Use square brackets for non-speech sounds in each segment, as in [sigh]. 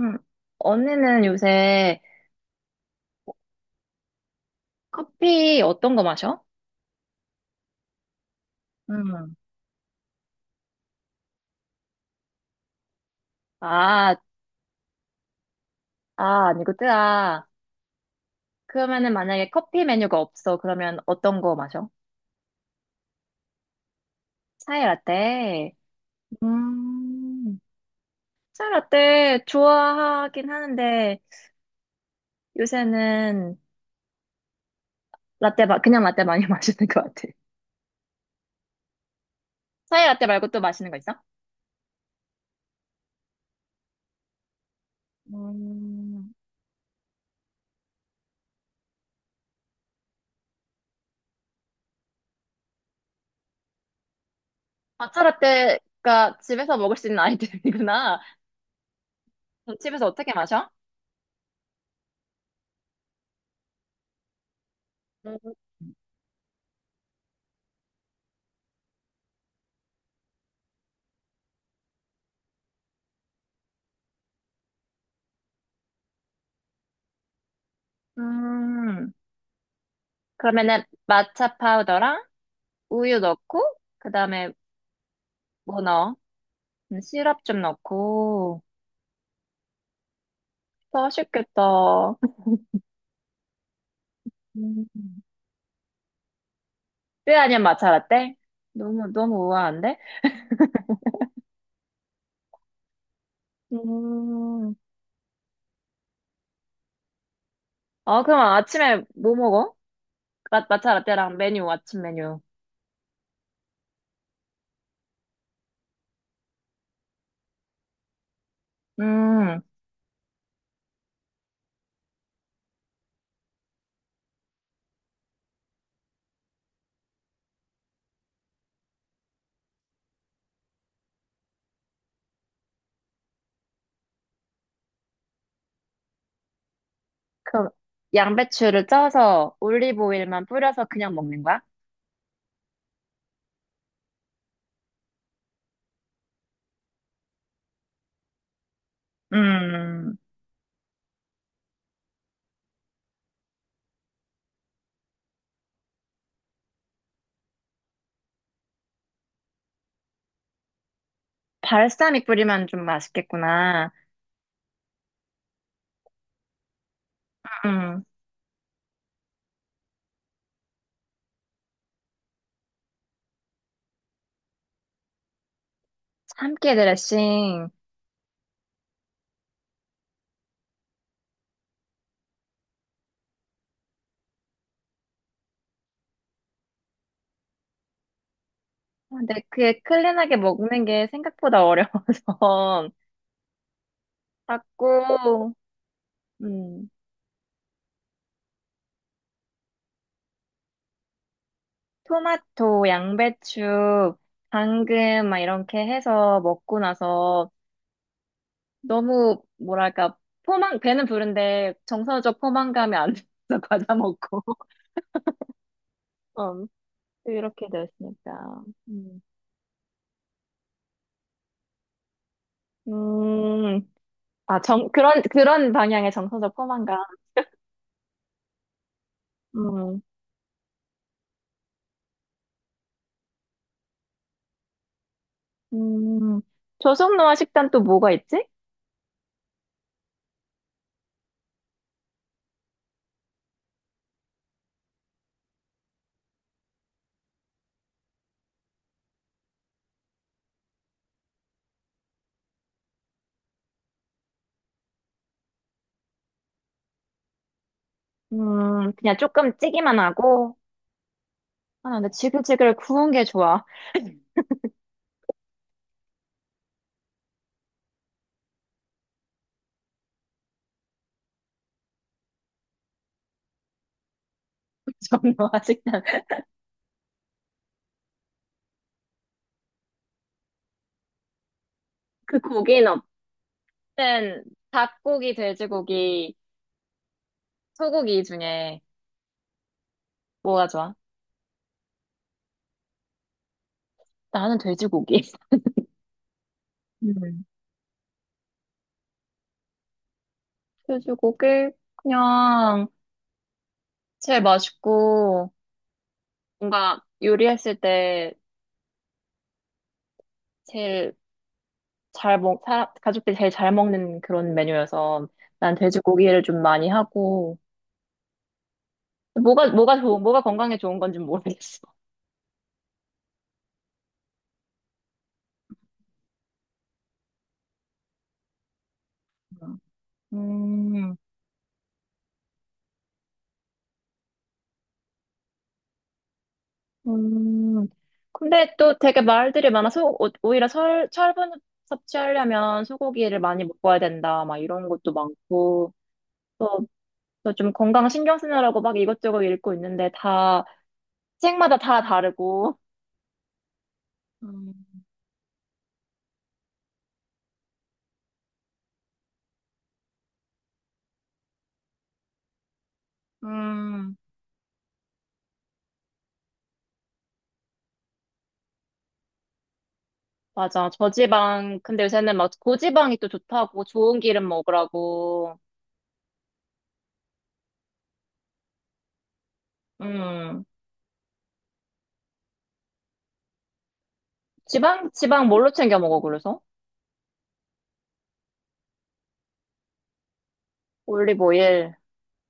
음. 언니는 요새 커피 어떤 거 마셔? 음. 아, 아, 아니구나. 그러면은 만약에 커피 메뉴가 없어. 그러면 어떤 거 마셔? 차이 라떼. 음. 차이 라떼 좋아하긴 하는데 요새는 라떼, 그냥 라떼 많이 [laughs] 마시는 것 같아. 차이 라떼 말고 또 마시는 거 있어? 음. matcha 라떼가 집에서 먹을 수 있는 아이템이구나. 그럼 집에서 어떻게 마셔? 음. 그러면은 마차 파우더랑 우유 넣고 그다음에 뭐 넣어? 시럽 좀 넣고 맛있겠다. 음. 뼈 아니면 마차 라떼? 너무 너무 우아한데? 음. 그럼 아침에 뭐 먹어? 마차 라떼랑 메뉴 아침 메뉴. 음. 그럼 양배추를 쪄서 올리브 오일만 뿌려서 그냥 먹는 거야? 음. 발사믹 뿌리면 좀 맛있겠구나. 음. 참깨 드레싱. 근데 그게 클린하게 먹는 게 생각보다 어려워서 [laughs] 자꾸 음, 토마토, 양배추, 당근 막 이렇게 해서 먹고 나서 너무 뭐랄까 포만 배는 부른데 정서적 포만감이 안 돼서 [laughs] 과자 먹고 [laughs] 음, 이렇게 되었으니까 음, 음, 아, 그런 방향의 정서적 포만감. 음, 음, 조선노아 식단 또 뭐가 있지? 그냥 조금 찌기만 하고. 아, 근데 지글지글 구운 게 좋아. [laughs] 저는 아직 도그 고기는 없는 닭고기, 돼지고기, 소고기 중에 뭐가 좋아? 나는 돼지고기. [laughs] 음. 돼지고기 그냥 제일 맛있고 뭔가 요리했을 때 제일 가족들이 제일 잘 먹는 그런 메뉴여서 난 돼지고기를 좀 많이 하고 뭐가 건강에 좋은 건지 모르겠어. 음. 음, 근데 또 되게 말들이 많아서 오히려 철분 섭취하려면 소고기를 많이 먹어야 된다, 막 이런 것도 많고, 또, 또 좀 건강 신경 쓰느라고 막 이것저것 읽고 있는데 다, 책마다 다 다르고. 음, 음, 맞아. 저지방, 근데 요새는 막 고지방이 또 좋다고 좋은 기름 먹으라고. 음, 지방 뭘로 챙겨 먹어, 그래서? 올리브 오일,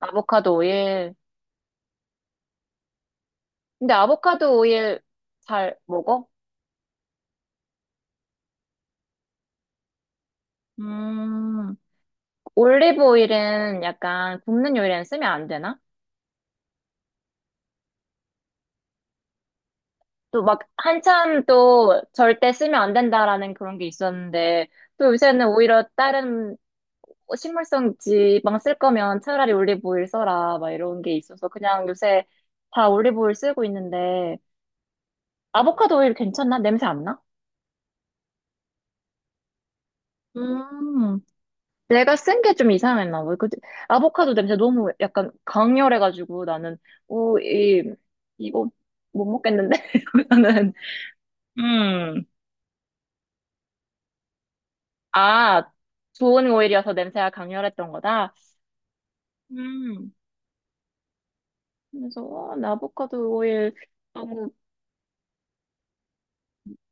아보카도 오일. 근데 아보카도 오일 잘 먹어? 음, 올리브 오일은 약간 굽는 요리에는 쓰면 안 되나? 또 막 한참 또 절대 쓰면 안 된다라는 그런 게 있었는데, 또 요새는 오히려 다른 식물성 지방 쓸 거면 차라리 올리브 오일 써라, 막 이런 게 있어서 그냥 요새 다 올리브 오일 쓰고 있는데, 아보카도 오일 괜찮나? 냄새 안 나? 음. 내가 쓴 게 좀 이상했나 봐. 그 아보카도 냄새 너무 약간 강렬해가지고 나는 오, 이 이거 못 먹겠는데 [laughs] 이러면은 음. 아, 좋은 오일이어서 냄새가 강렬했던 거다. 음. 그래서 나 아보카도 오일 너무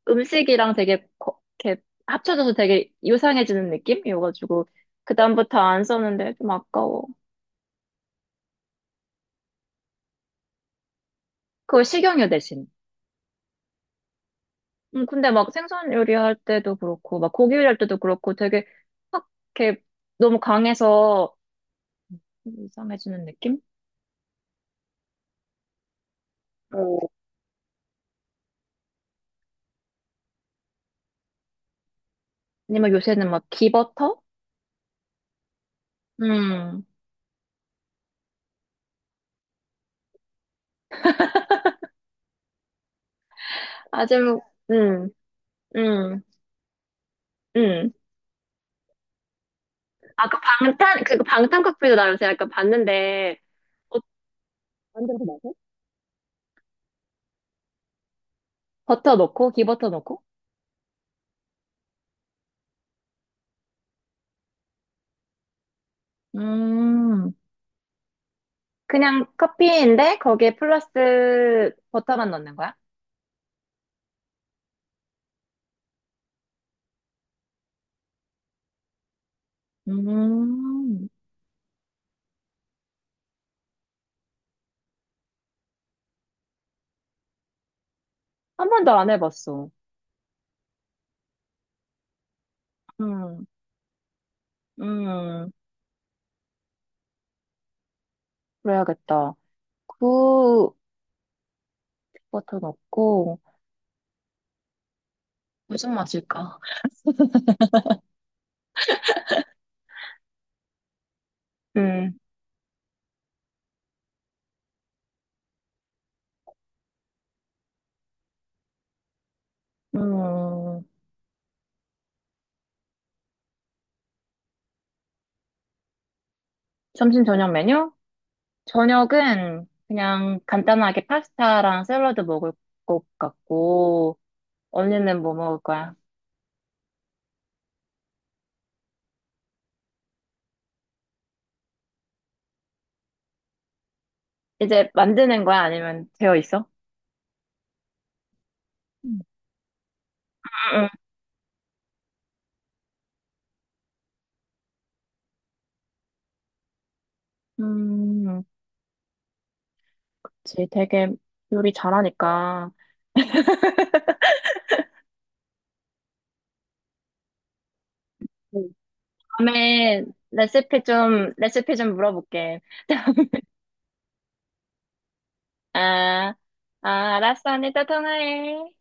음식이랑 되게 이렇게 합쳐져서 되게 유상해지는 느낌이어가지고 그다음부터 안 썼는데 좀 아까워. 그거 식용유 대신. 근데 막 생선 요리할 때도 그렇고, 막 고기 요리할 때도 그렇고, 되게 확 이렇게 너무 강해서 이상해지는 느낌? 어, 아니면 요새는 막 기버터? 음, 아주, 음, 음, 음. 아까 방탄, 그 그 방탄 커피도 나 요새 약간 봤는데, 어, 완전 그 버터 넣고, 기버터 넣고? 음, 그냥 커피인데, 거기에 플러스 버터만 넣는 거야? 음, 한 번도 안 해봤어. 음. 음, 그래야겠다. 그 버터 넣고 무슨 맛일까? 음, 음, 점심 저녁 메뉴? 저녁은 그냥 간단하게 파스타랑 샐러드 먹을 것 같고, 언니는 뭐 먹을 거야? 이제 만드는 거야? 아니면 되어 있어? 음. 음, 그치. 되게 요리 잘하니까. 음. 다음에 레시피 좀 물어볼게. [laughs] 아, 아, 알았어. 언니 또 통화해.